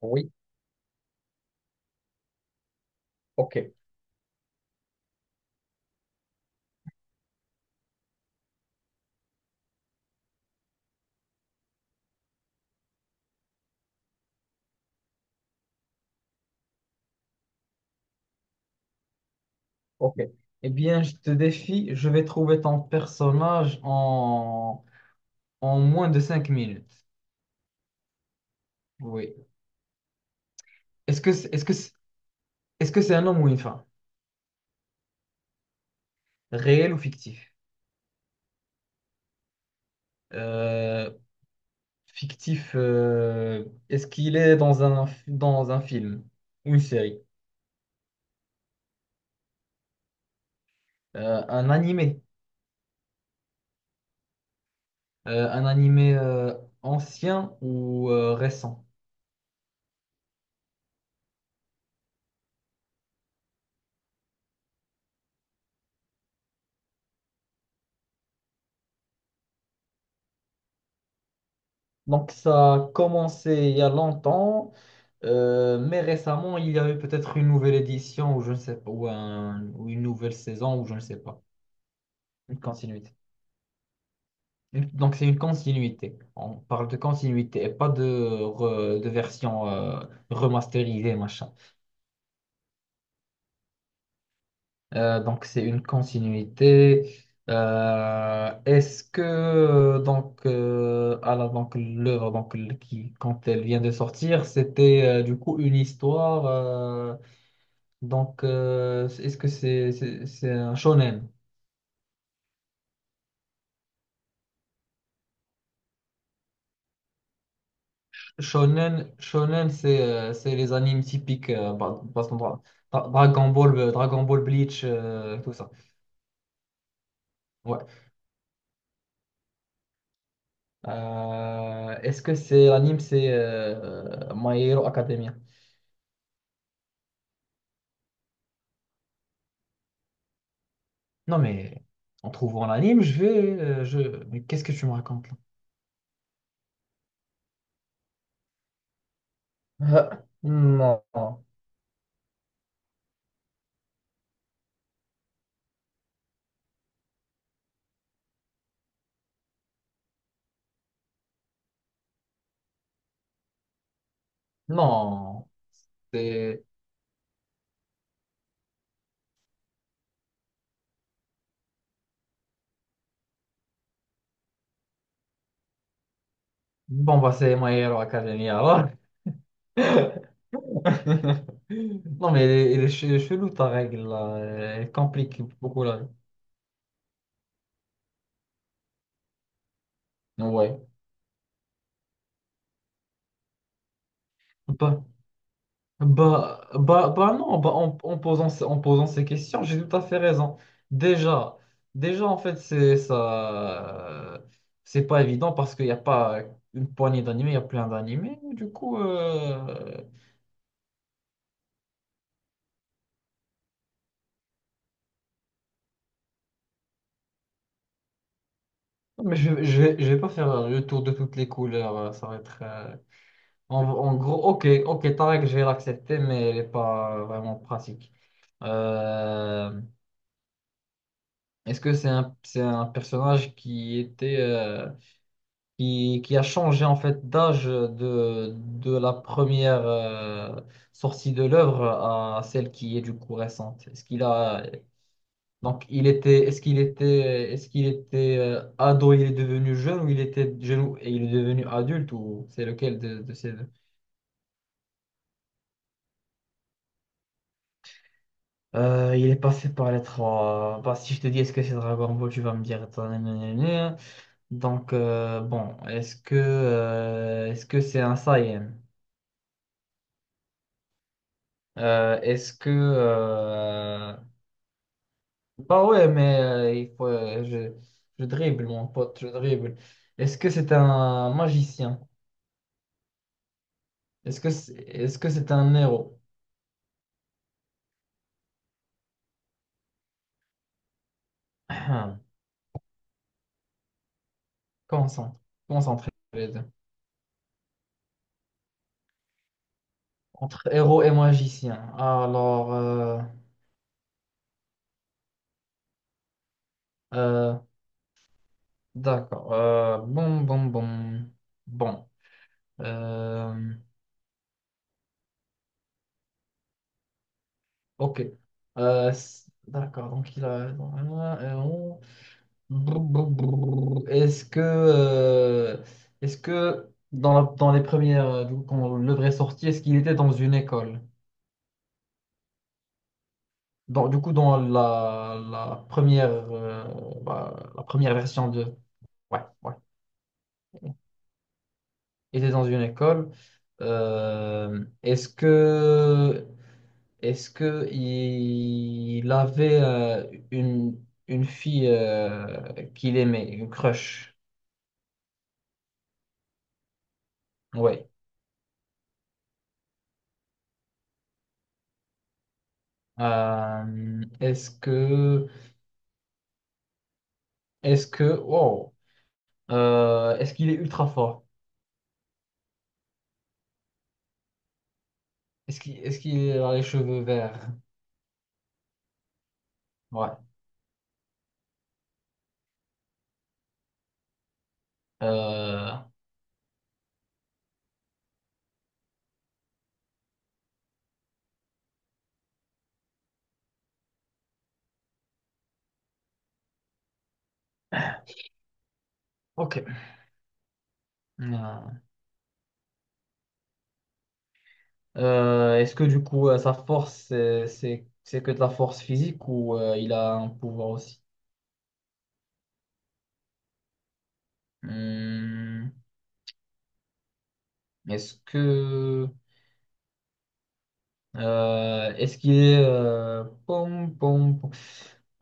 Oui, ok, ok. Eh bien, je te défie, je vais trouver ton personnage en moins de 5 minutes. Oui. Est-ce que est-ce que c'est un homme ou une femme? Réel ou fictif? Euh, fictif, est-ce qu'il est dans un film ou une série? Un animé? Un animé ancien ou récent? Donc, ça a commencé il y a longtemps. Mais récemment, il y a eu peut-être une nouvelle édition ou je ne sais pas, ou une nouvelle saison ou je ne sais pas. Une continuité. Donc c'est une continuité. On parle de continuité et pas de version remasterisée, machin. Donc c'est une continuité. Est-ce que donc à l'œuvre donc qui quand elle vient de sortir, c'était du coup une histoire. Donc, est-ce que c'est un shonen? Shonen, c'est les animes typiques, par exemple, Dragon Ball, Dragon Ball Bleach, tout ça. Ouais. Est-ce que c'est l'anime, c'est My Hero Academia? Non, mais en trouvant l'anime, je vais, je. Mais qu'est-ce que tu me racontes là? Ah, non. Non, c'est bon, bah c'est My Hero Academia, alors. Non, mais elle est chelou ta règle là. Elle complique beaucoup la vie. Ouais. Bah, bah non, bah, en posant, ces questions, j'ai tout à fait raison. Déjà, déjà en fait, c'est ça. C'est pas évident parce qu'il n'y a pas une poignée d'animés, il y a plein d'animés. Du coup, non, mais je vais pas faire le tour de toutes les couleurs. Ça va être. En gros, ok, ok, ta règle, je vais l'accepter, mais elle n'est pas vraiment pratique. Euh, est-ce que c'est un personnage qui était, qui a changé en fait d'âge de la première sortie de l'œuvre à celle qui est du coup récente? Donc il était, est-ce qu'il était, est-ce qu'il était ado, il est devenu jeune ou il était jeune et il est devenu adulte ou c'est lequel de ces deux? Il est passé par les trois. Bah, si je te dis est-ce que c'est Dragon Ball, tu vas me dire. Donc, bon, est-ce que c'est un Saiyan? Est-ce que. Bah ouais, mais il faut, je dribble, mon pote, je dribble. Est-ce que c'est un magicien? Est-ce que c'est un héros? Concentre, concentrez les deux. Entre héros et magicien. Alors. Euh, D'accord. Bon, bon, bon. Bon. Euh, ok. D'accord. Donc, il a. On- brou, brou, brou. Est-ce que. Est-ce que dans, dans les premières. Du coup, quand le vrai sorti, est-ce qu'il était dans une école? Dans, du coup, dans la première. Bah, la première version de. Ouais, ouais. Il était dans une école. Est-ce que. Est-ce que il avait une, une fille qu'il aimait, une crush? Ouais. Euh, est-ce que est-ce que wow. Est-ce qu'il est ultra fort? Est-ce qu'il a les cheveux verts? Ouais. Euh, ok. Euh, est-ce que du coup sa force c'est que de la force physique ou il a un pouvoir aussi? Hum, est-ce que. Est-ce qu'il est, pom, pom, pom.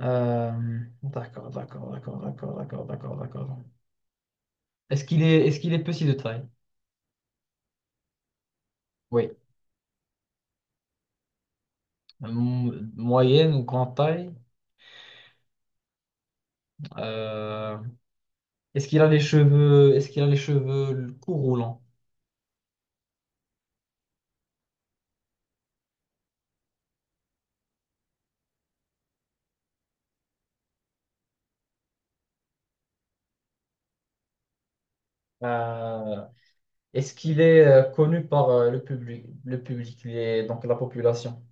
D'accord, d'accord, d'accord, d'accord, d'accord, d'accord, d'accord. Est-ce qu'il est petit de taille? Oui. Moyenne ou grande taille? Euh, est-ce qu'il a les cheveux courts ou longs? Euh, est-ce qu'il est connu par le public, les- donc la population?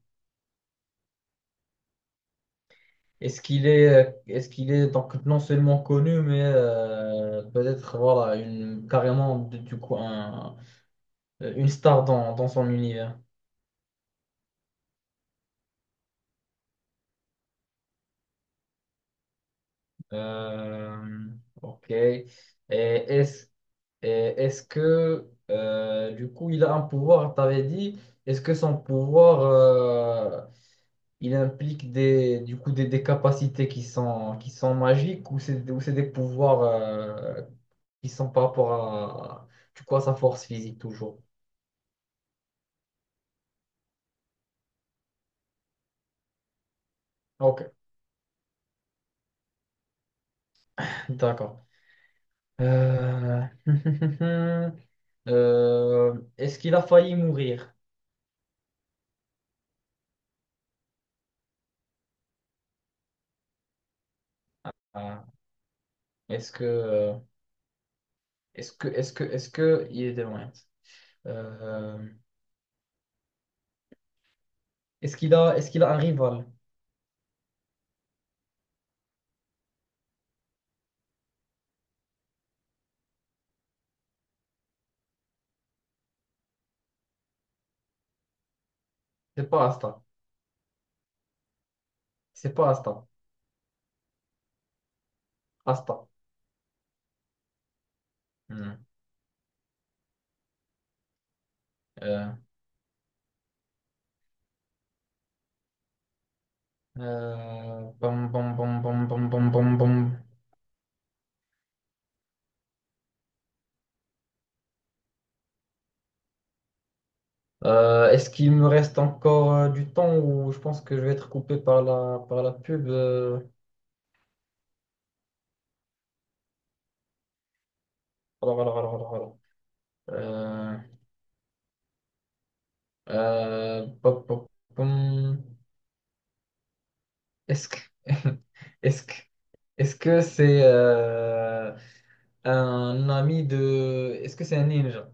Est-ce qu'il est donc non seulement connu, mais peut-être voilà, une, carrément de- du coup, un- une star dans son univers. Euh, ok. Et est-ce, et est-ce que du coup il a un pouvoir, t'avais dit, est-ce que son pouvoir il implique des, du coup, des capacités qui sont magiques ou c'est des pouvoirs qui sont par rapport à, du coup, à sa force physique toujours? Ok, d'accord. Euh, est-ce qu'il a failli mourir? Ah. Est-ce que, euh, est-ce que il est de loin. Euh, est-ce qu'il a un rival? C'est pas Asta. C'est pas Asta. Asta. Hmm. Euh, bam, bam, bam, bam, bam, bam, bam, bam. Est-ce qu'il me reste encore du temps ou je pense que je vais être coupé par la pub? Alors, alors. Euh, pop, pop, pom. Est-ce que est-ce que est-ce que c'est un ami de est-ce que c'est un ninja?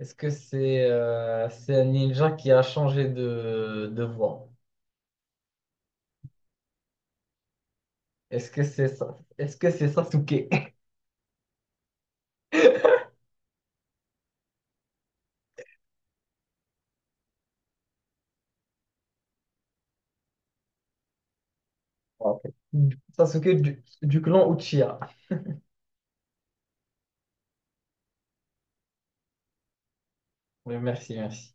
Est-ce que c'est un ninja qui a changé de voix? Est-ce que c'est ça? Est-ce que c'est Sasuke? Ok. Sasuke du clan Uchiha. Oui, merci, merci.